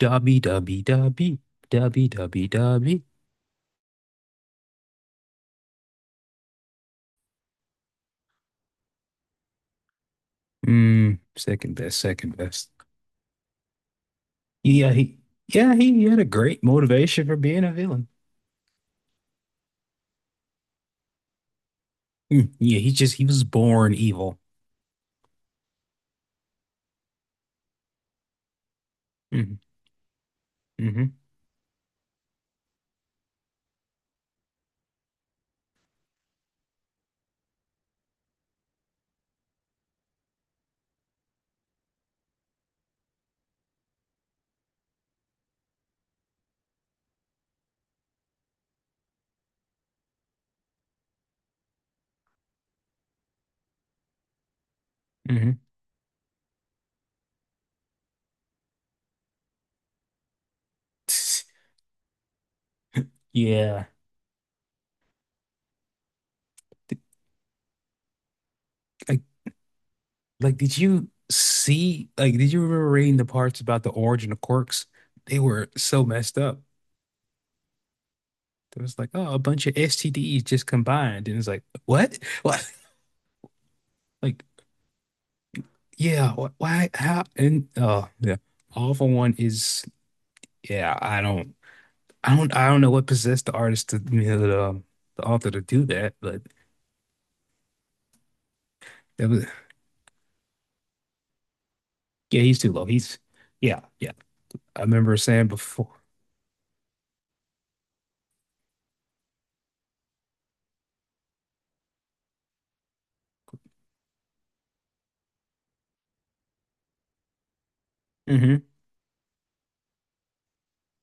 Derby, derby, derby, derby, derby, derby. Second best, second best. Yeah, he, he had a great motivation for being a villain. Yeah, he just he was born evil. Hmm hmm hmm Yeah. Th- Like, like, did you see? Like, did you remember reading the parts about the origin of quirks? They were so messed up. There was like, oh, a bunch of STDs just combined, and it's like, what? What? Like, yeah, why, how, and oh yeah. All for One is, yeah, I don't know what possessed the artist to, the author to do that. But that was, yeah, he's too low. He's Yeah, yeah. I remember saying before. Hmm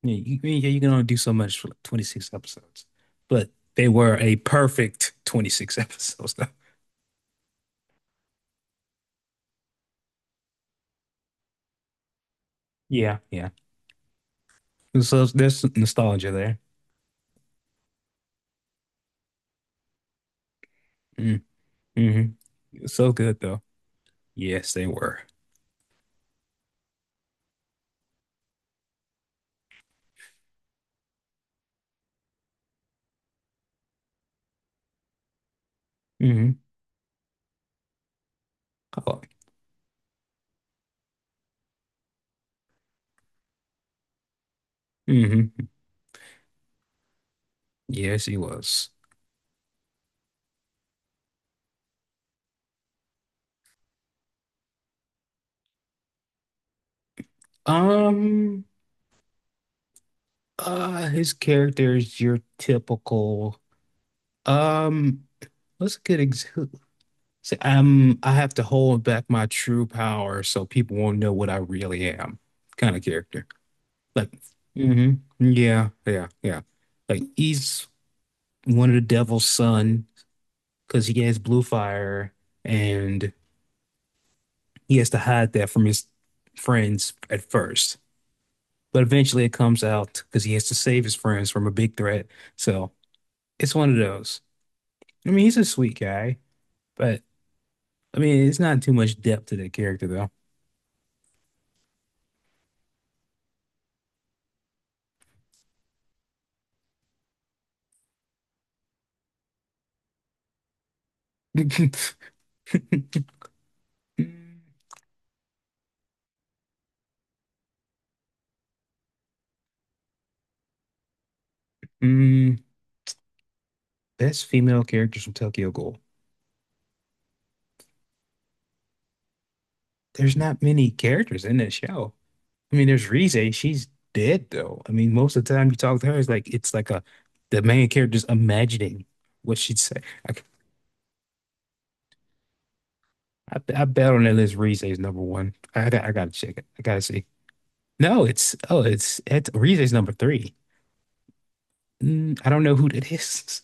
Yeah, I mean, yeah, you can only do so much for like 26 episodes. But they were a perfect 26 episodes though. Yeah, yeah. So there's some nostalgia there. Mm-hmm. So good though. Yes, they were. Mm-hmm. Oh. Mm-hmm. Yes, he was. Um, his character is your typical. Um, what's a good ex say, I have to hold back my true power so people won't know what I really am, kind of character. Like, hmm yeah, yeah, yeah. Like he's one of the devil's son because he has blue fire, and he has to hide that from his friends at first, but eventually it comes out because he has to save his friends from a big threat. So it's one of those. I mean, he's a sweet guy, but I mean, it's not too much depth to that character though. Mm, best female characters from Tokyo Ghoul. There's not many characters in that show. I mean, there's Rize. She's dead though. I mean, most of the time you talk to her, it's like, it's like a the main character's imagining what she'd say. I, I bet on that list Rize is number one. I gotta check it. I gotta see. No, it's, oh, it's Rize's number three. Mm, I don't know who that is.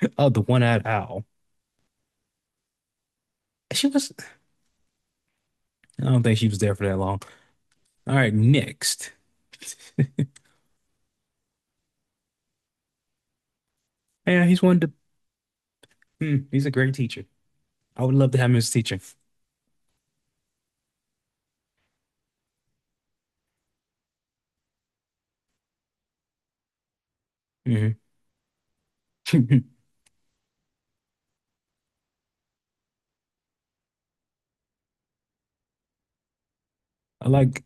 Oh, the one-eyed owl. She was. I don't think she was there for that long. All right, next. Yeah, he's one to. Mm, he's a great teacher. I would love to have him as a teacher. Mhm. I like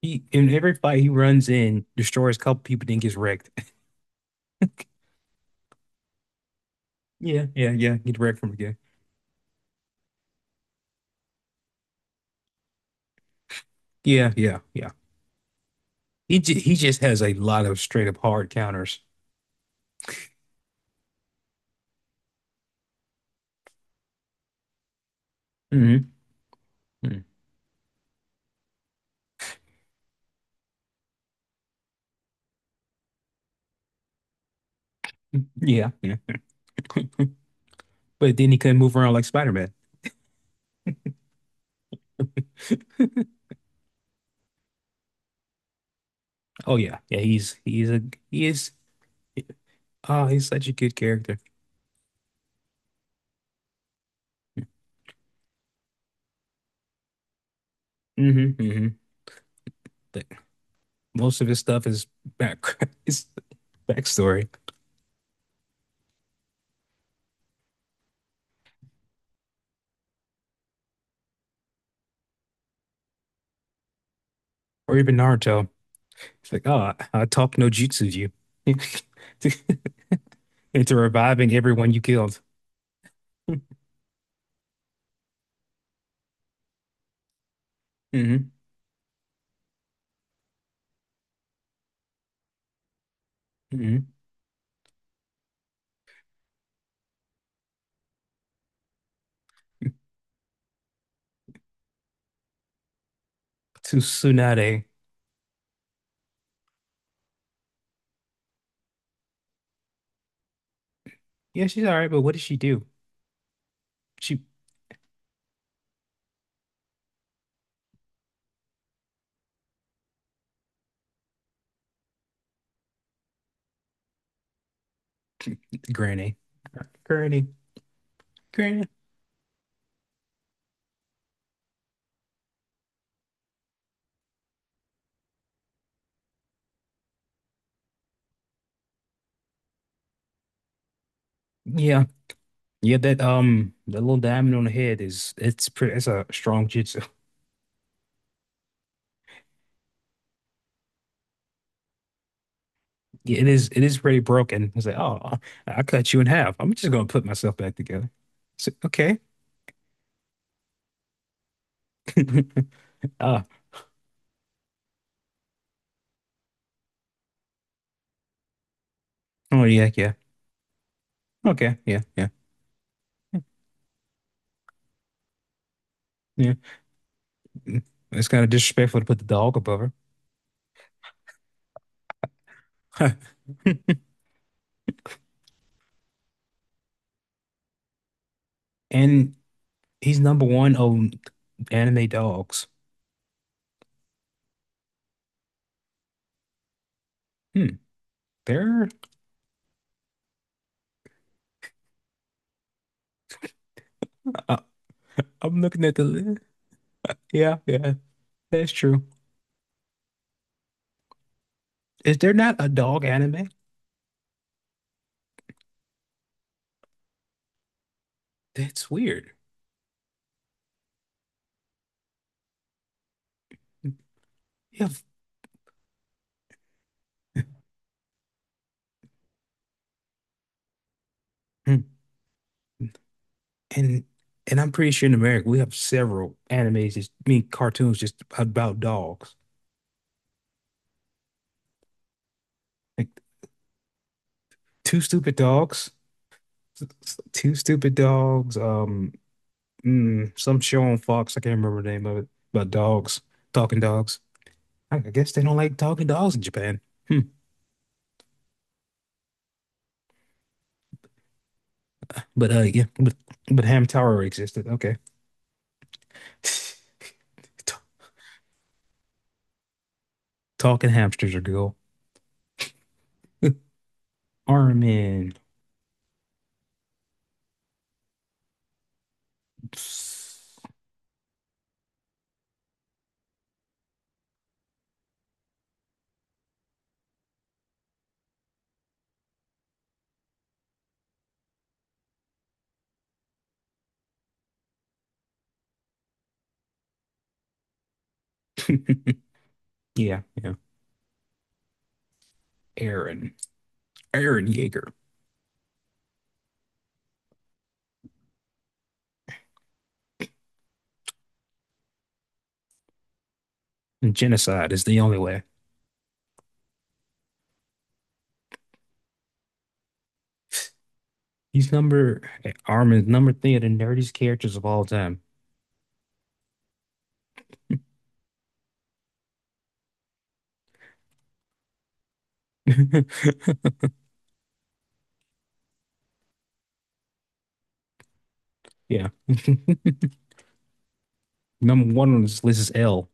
he, in every fight he runs in, destroys a couple people, then gets wrecked. Yeah, yeah, yeah. Get wrecked from again. Yeah, yeah, yeah. He just has a lot of straight up hard counters. Hmm Yeah, yeah, yeah. But then he couldn't move around like Spider-Man. Oh yeah, yeah. He's a, he is, oh he's such a good character. Hmm hmm But most of his stuff is back is backstory. Or even Naruto. It's like, oh, I taught no jutsu you to, into reviving everyone you killed. Hmm hmm To Tsunade. Yeah, she's all right, but what does she do? She Granny. Granny. Granny. Yeah. Yeah, that, that little diamond on the head, is, it's pretty, it's a strong jutsu. Yeah, it is, it is pretty broken. It's like, oh, I cut you in half. I'm just gonna put myself back together. So, okay. Ah, oh yeah, yeah. Okay, yeah, yeah, yeah. Mm. It's kind of disrespectful to put the dog above her. And he's number one on anime dogs. Hmm. There, I, I'm looking at the list. Yeah, yeah, that's true. Is there not a dog anime? That's weird. Yeah. hmm. And I'm pretty sure in America we have several animes, just I mean cartoons just about dogs. Like Two Stupid Dogs. Two Stupid Dogs. Mm, some show on Fox, I can't remember the name of it, about dogs, talking dogs. I guess they don't like talking dogs in Japan. Hmm. But, uh, yeah, but Hamtaro existed. Okay. T- Talking hamsters are cool. Armin. Yeah, yeah. Aaron. Aaron Yeager. Genocide is the only way. He's number Armin's number three of the nerdiest characters of all time. Yeah. Number one on this list is L.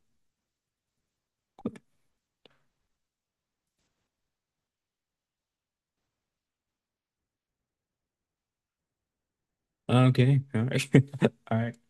Okay. All right. All right.